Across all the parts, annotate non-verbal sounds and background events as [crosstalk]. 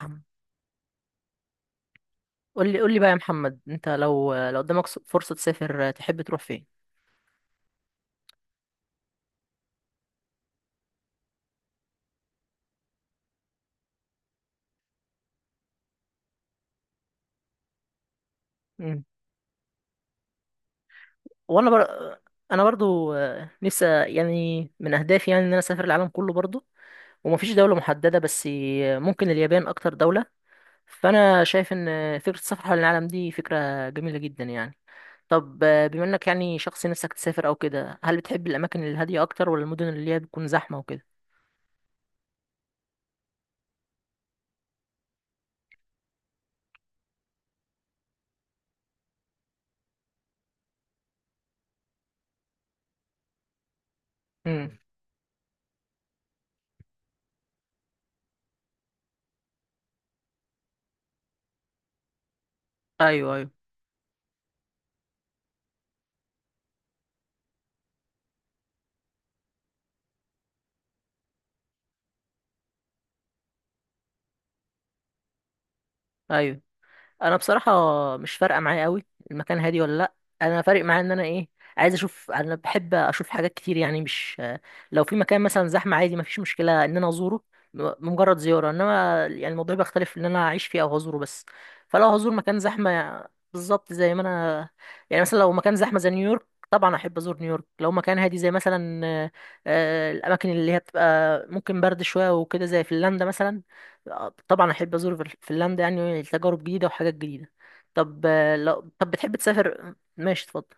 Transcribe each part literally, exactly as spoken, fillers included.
محمد، قول لي قول لي بقى يا محمد انت لو لو قدامك س- فرصة تسافر تحب تروح فين؟ مم. وانا بر... انا برضو آه، نفسي يعني من اهدافي يعني ان انا اسافر العالم كله برضو، ومفيش دولة محددة بس آه، ممكن اليابان اكتر دولة. فانا شايف ان آه، فكرة السفر حول العالم دي فكرة جميلة جدا يعني. طب آه، بما انك يعني شخص نفسك تسافر او كده، هل بتحب الاماكن الهادية اكتر ولا المدن اللي هي بتكون زحمة وكده؟ مم. ايوه ايوه. ايوه انا بصراحه مش فارقه معايا قوي المكان هادي ولا لا. انا فارق معايا ان انا ايه، عايز اشوف، انا بحب اشوف حاجات كتير يعني. مش لو في مكان مثلا زحمه عادي، مفيش مشكله ان انا ازوره، م- مجرد زياره، انما يعني الموضوع بيختلف ان انا اعيش فيه او هزوره بس. فلو هزور مكان زحمه بالظبط زي ما انا يعني مثلا لو مكان زحمه زي نيويورك طبعا احب ازور نيويورك. لو مكان هادي زي مثلا آه، آه، الاماكن اللي هي بتبقى ممكن برد شويه وكده زي فنلندا مثلا، طبعا احب ازور فل- فنلندا، يعني تجارب جديده وحاجات جديده. طب آه، لو طب بتحب تسافر، ماشي اتفضل.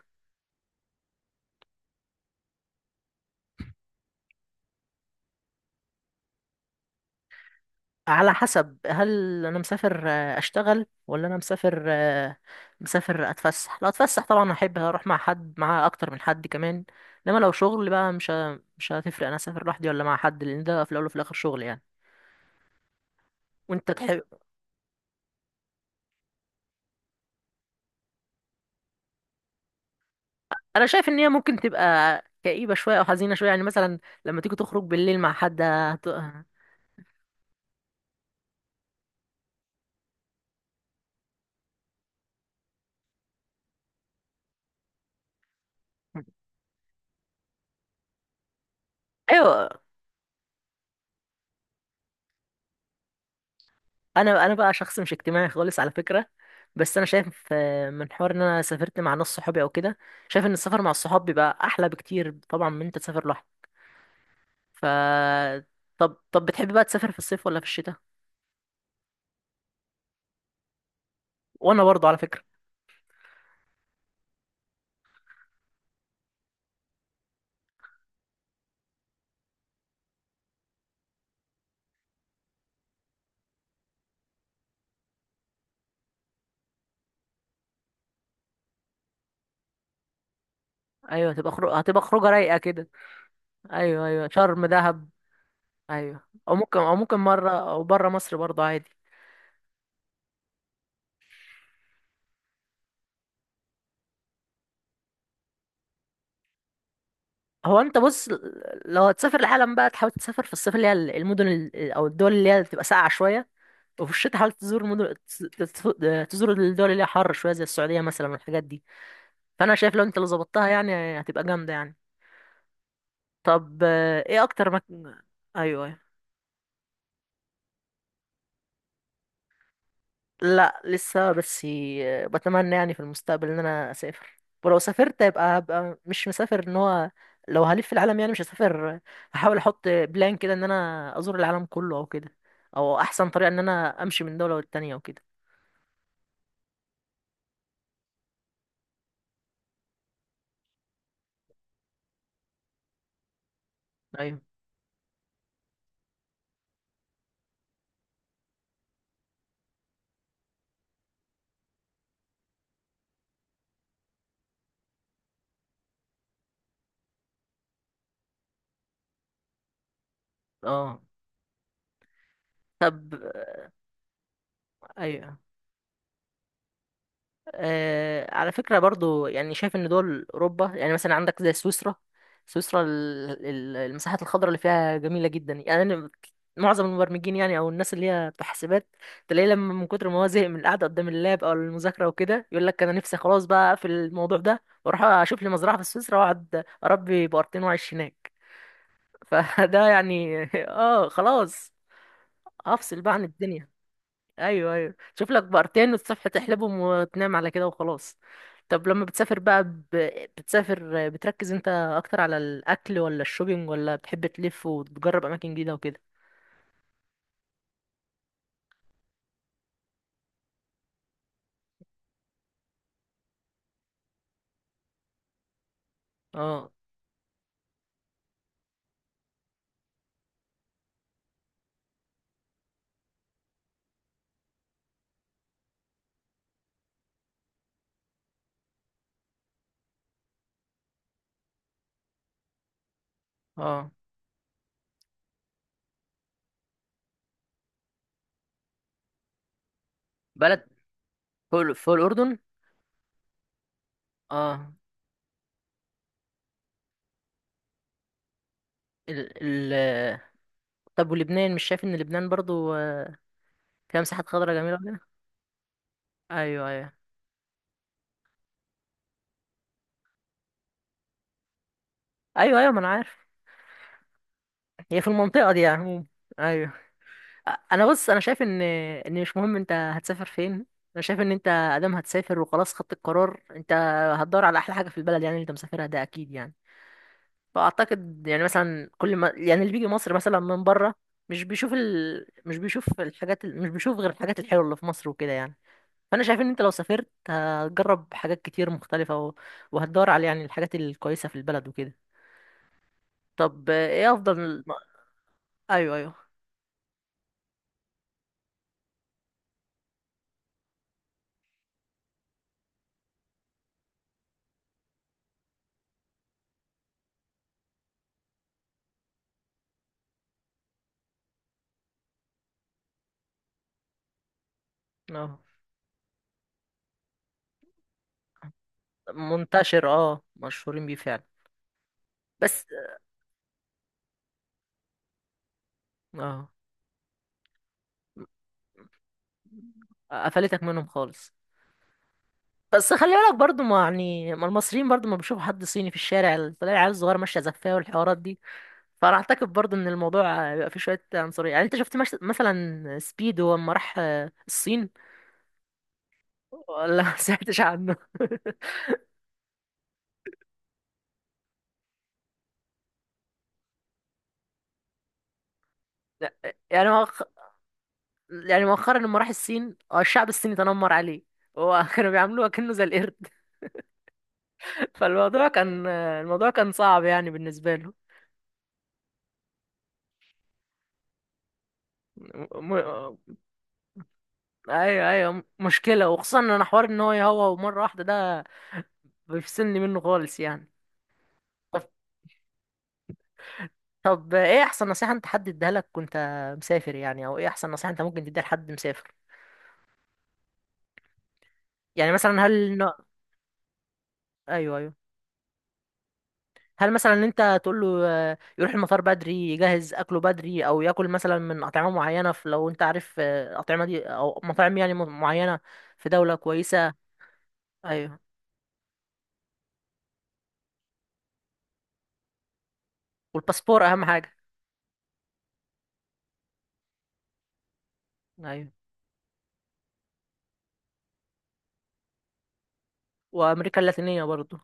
على حسب، هل انا مسافر آه، اشتغل ولا انا مسافر آه، مسافر اتفسح. لو اتفسح طبعا احب اروح مع حد، مع اكتر من حد كمان. انما لو شغل بقى مش ه- مش هتفرق انا اسافر لوحدي ولا مع حد، لان ده في الاول وفي الاخر شغل يعني. وانت تحب. انا شايف ان هي ممكن تبقى كئيبه شويه او حزينه شويه يعني، مثلا لما تيجي تخرج بالليل مع حد هت... ايوه. انا انا بقى شخص مش اجتماعي خالص على فكره. بس انا شايف آه، من حوار ان انا سافرت مع ناس صحابي او كده، شايف ان السفر مع الصحاب بيبقى احلى بكتير طبعا من انت تسافر لوحدك. ف طب طب بتحب بقى تسافر في الصيف ولا في الشتاء؟ وانا برضه على فكره. ايوه هتبقى خروج، هتبقى خروجه رايقه كده. ايوه ايوه، شرم دهب. ايوه. او ممكن او ممكن مره او بره مصر برضه عادي. هو انت بص، لو هتسافر العالم بقى تحاول تسافر في الصيف اللي هي المدن ال- او الدول اللي هي بتبقى ساقعه شويه، وفي الشتاء حاول تزور مدن تس- تزور الدول اللي هي حر شويه زي السعوديه مثلا والحاجات دي. فانا شايف لو انت اللي ظبطتها يعني هتبقى جامده يعني. طب آه، ايه اكتر مكان؟ ايوه ايوه. لا لسه بس آه، بتمنى يعني في المستقبل ان انا اسافر. ولو سافرت يبقى هبقى مش مسافر ان هو لو هلف في العالم يعني، مش هسافر، هحاول احط بلان كده ان انا ازور العالم كله او كده، او احسن طريقه ان انا امشي من دوله للتانيه وكده. ايوه. اه. طب. ايوه آه على فكرة برضو، يعني شايف ان دول اوروبا يعني مثلا عندك زي سويسرا. سويسرا ال- ال- المساحات الخضراء اللي فيها جميلة جدا يعني. أنا معظم المبرمجين يعني او الناس اللي هي بتوع حسابات، تلاقيه لما من كتر ما هو زهق من القعدة قدام اللاب او المذاكرة وكده يقول لك انا نفسي خلاص بقى اقفل الموضوع ده واروح اشوف لي مزرعة في سويسرا واقعد اربي بقرتين واعيش هناك. [laughs] فده يعني [laughs] اه خلاص، افصل بقى عن الدنيا. ايوه ايوه، شوف لك بقرتين والصبح تحلبهم وتنام على كده وخلاص. طب لما بتسافر بقى ب... بتسافر بتركز انت اكتر على الاكل ولا الشوبينج ولا بتحب تلف وتجرب اماكن جديده وكده؟ اه. اه. بلد في ال- في الاردن. اه. ال... ال... طب ولبنان، مش شايف ان لبنان برضو آه، فيها مساحات خضراء جميله وكده؟ ايوه ايوه. ايوه ايوه ما انا عارف. هي في المنطقه دي يعني عموما. ايوه. انا بص، انا شايف ان ان مش مهم انت هتسافر فين، انا شايف ان انت ادام هتسافر وخلاص خدت القرار، انت هتدور على احلى حاجه في البلد يعني اللي انت مسافرها ده اكيد يعني. فاعتقد يعني مثلا كل ما يعني اللي بيجي مصر مثلا من بره مش بيشوف ال... مش بيشوف الحاجات ال- مش بيشوف غير الحاجات الحلوه اللي في مصر وكده يعني. فانا شايف ان انت لو سافرت هتجرب حاجات كتير مختلفه و... وهتدور على يعني الحاجات الكويسه في البلد وكده. طب ايه افضل. ايوه ايوه. اه منتشر، اه مشهورين بيه فعلا. بس اه. قفلتك منهم خالص. بس خلي بالك برضو، ما يعني ما المصريين برضو ما بيشوفوا حد صيني في الشارع تلاقي العيال الصغيره ماشيه زفاه والحوارات دي. فانا اعتقد برضو ان الموضوع بيبقى فيه شويه عنصريه يعني. انت شفت مش... مثلا سبيدو لما راح آه، الصين ولا ما سمعتش عنه؟ [laughs] لا. يعني مؤخ... يعني مؤخرا لما راح الصين آه، الشعب الصيني تنمر عليه هو. [laughs] كانوا بيعاملوه كأنه زي القرد. [laughs] فالموضوع كان الموضوع كان صعب يعني بالنسبة له. ايوه ايوه مشكله. وخصوصا ان انا حوار ان هو يهوى مره واحده ده بيفصلني منه خالص يعني. طب طب ايه احسن نصيحه انت حد اديها لك وانت مسافر يعني، او ايه احسن نصيحه انت ممكن تديها لحد مسافر يعني؟ مثلا هل ن... ايوه ايوه. هل مثلا ان انت تقول له آه، يروح المطار بدري، يجهز اكله بدري، او ياكل مثلا من اطعمه معينه في، لو انت عارف آه، اطعمه دي او مطاعم يعني م- معينه في دوله كويسه؟ ايوه، والباسبور اهم حاجه. ايوه، وامريكا اللاتينيه برضو.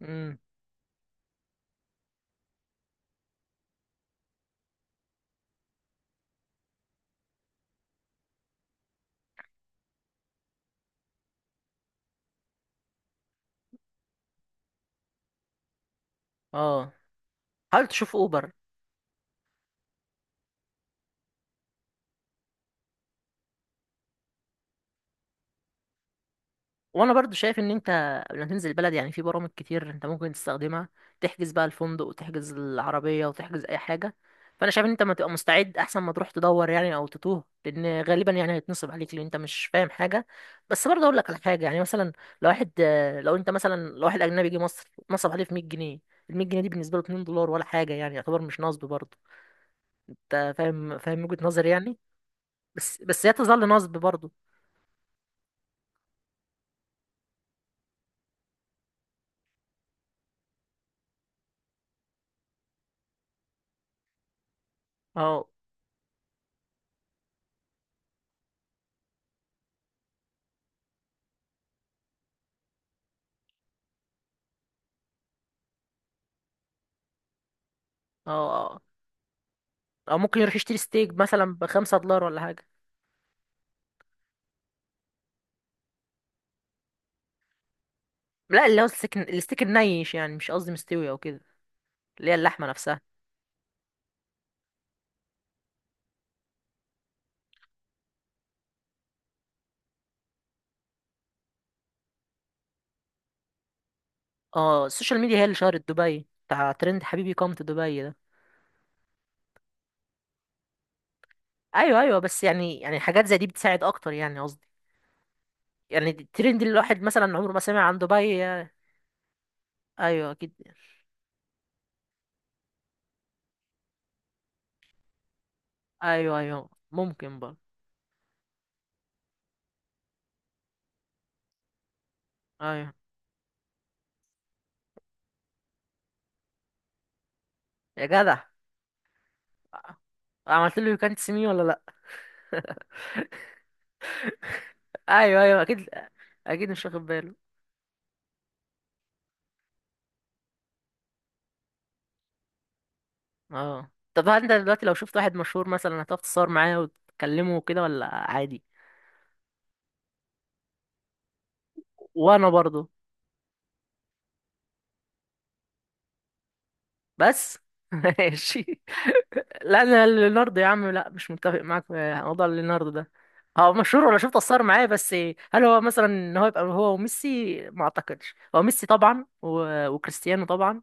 امم. اه، حاول تشوف اوبر. وانا برضو شايف ان انت قبل ما تنزل البلد يعني في برامج كتير انت ممكن تستخدمها، تحجز بقى الفندق وتحجز العربية وتحجز اي حاجة. فانا شايف ان انت ما تبقى مستعد احسن ما تروح تدور يعني او تتوه، لان غالبا يعني هيتنصب عليك لان انت مش فاهم حاجة. بس برضه اقول لك على حاجة، يعني مثلا لو واحد آه، لو انت مثلا، لو واحد اجنبي جه مصر نصب عليه في مية جنيه، ال مية جنيه دي بالنسبة له اتنين دولار ولا حاجة يعني، يعتبر مش نصب برضه. انت فاهم فاهم وجهة نظري يعني. بس بس هي تظل نصب برضه. اه. اه. اه. او ممكن يروح يشتري ستيك مثلا بخمسة دولار ولا حاجة. لا، اللي هو الستيك الستيك النيش يعني، مش قصدي مستوي او كده. اللي هي اللحمة نفسها. اه، السوشيال ميديا هي اللي شهرت دبي، بتاع ترند حبيبي كوم تو دبي ده. ايوه ايوه. بس يعني، يعني حاجات زي دي بتساعد اكتر يعني، قصدي يعني دي- الترند، اللي الواحد مثلا عمره ما سمع عن دبي يعني. ايوه اكيد. ايوه ايوه ممكن برضه. ايوه يا جدع، عملت له يو كانت سي مي ولا لا؟ [laughs] ايوه ايوه اكيد. اكيد مش واخد باله. اه، طب هل انت دلوقتي لو شفت واحد مشهور مثلا هتقف تتصور معاه وتكلمه وكده ولا عادي؟ وانا برضه. بس [laughs] ماشي. لا انا ليوناردو يا عم لا، مش متفق معاك في موضوع ليوناردو ده. هو مشهور، ولا شفت اتصور معاه بس. هل هو مثلا ان هو يبقى هو وميسي، ما اعتقدش، هو ميسي طبعا و- وكريستيانو طبعا،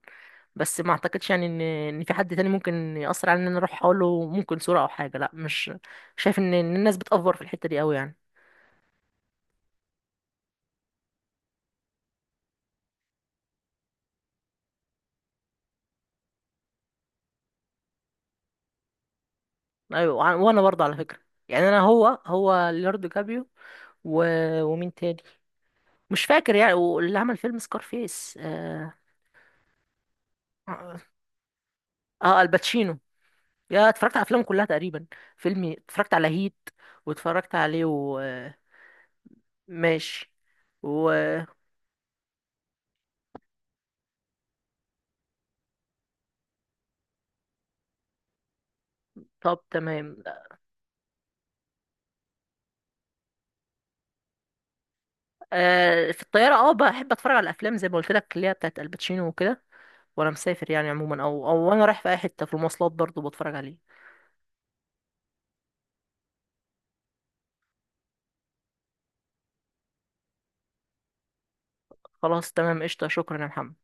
بس ما اعتقدش يعني ان ان في حد تاني ممكن يأثر على ان انا اروح اقول له ممكن صورة او حاجة. لا مش شايف، ان إن الناس بتأفور في الحتة دي قوي يعني. ايوه وع- وانا برضه على فكره. يعني انا هو هو ليوناردو كابيو و... ومين تاني، مش فاكر يعني، واللي عمل فيلم سكارفيس اه. آه، آه، الباتشينو، يا اتفرجت على افلامه كلها تقريبا. فيلمي اتفرجت على هيت واتفرجت عليه وماشي و... طب تمام. آه في الطياره اه بحب اتفرج على الافلام زي ما قلت لك اللي هي بتاعت الباتشينو وكده. وانا مسافر يعني عموما، او او وانا رايح في اي حته في المواصلات برضه بتفرج عليه. خلاص تمام، قشطه، شكرا يا محمد.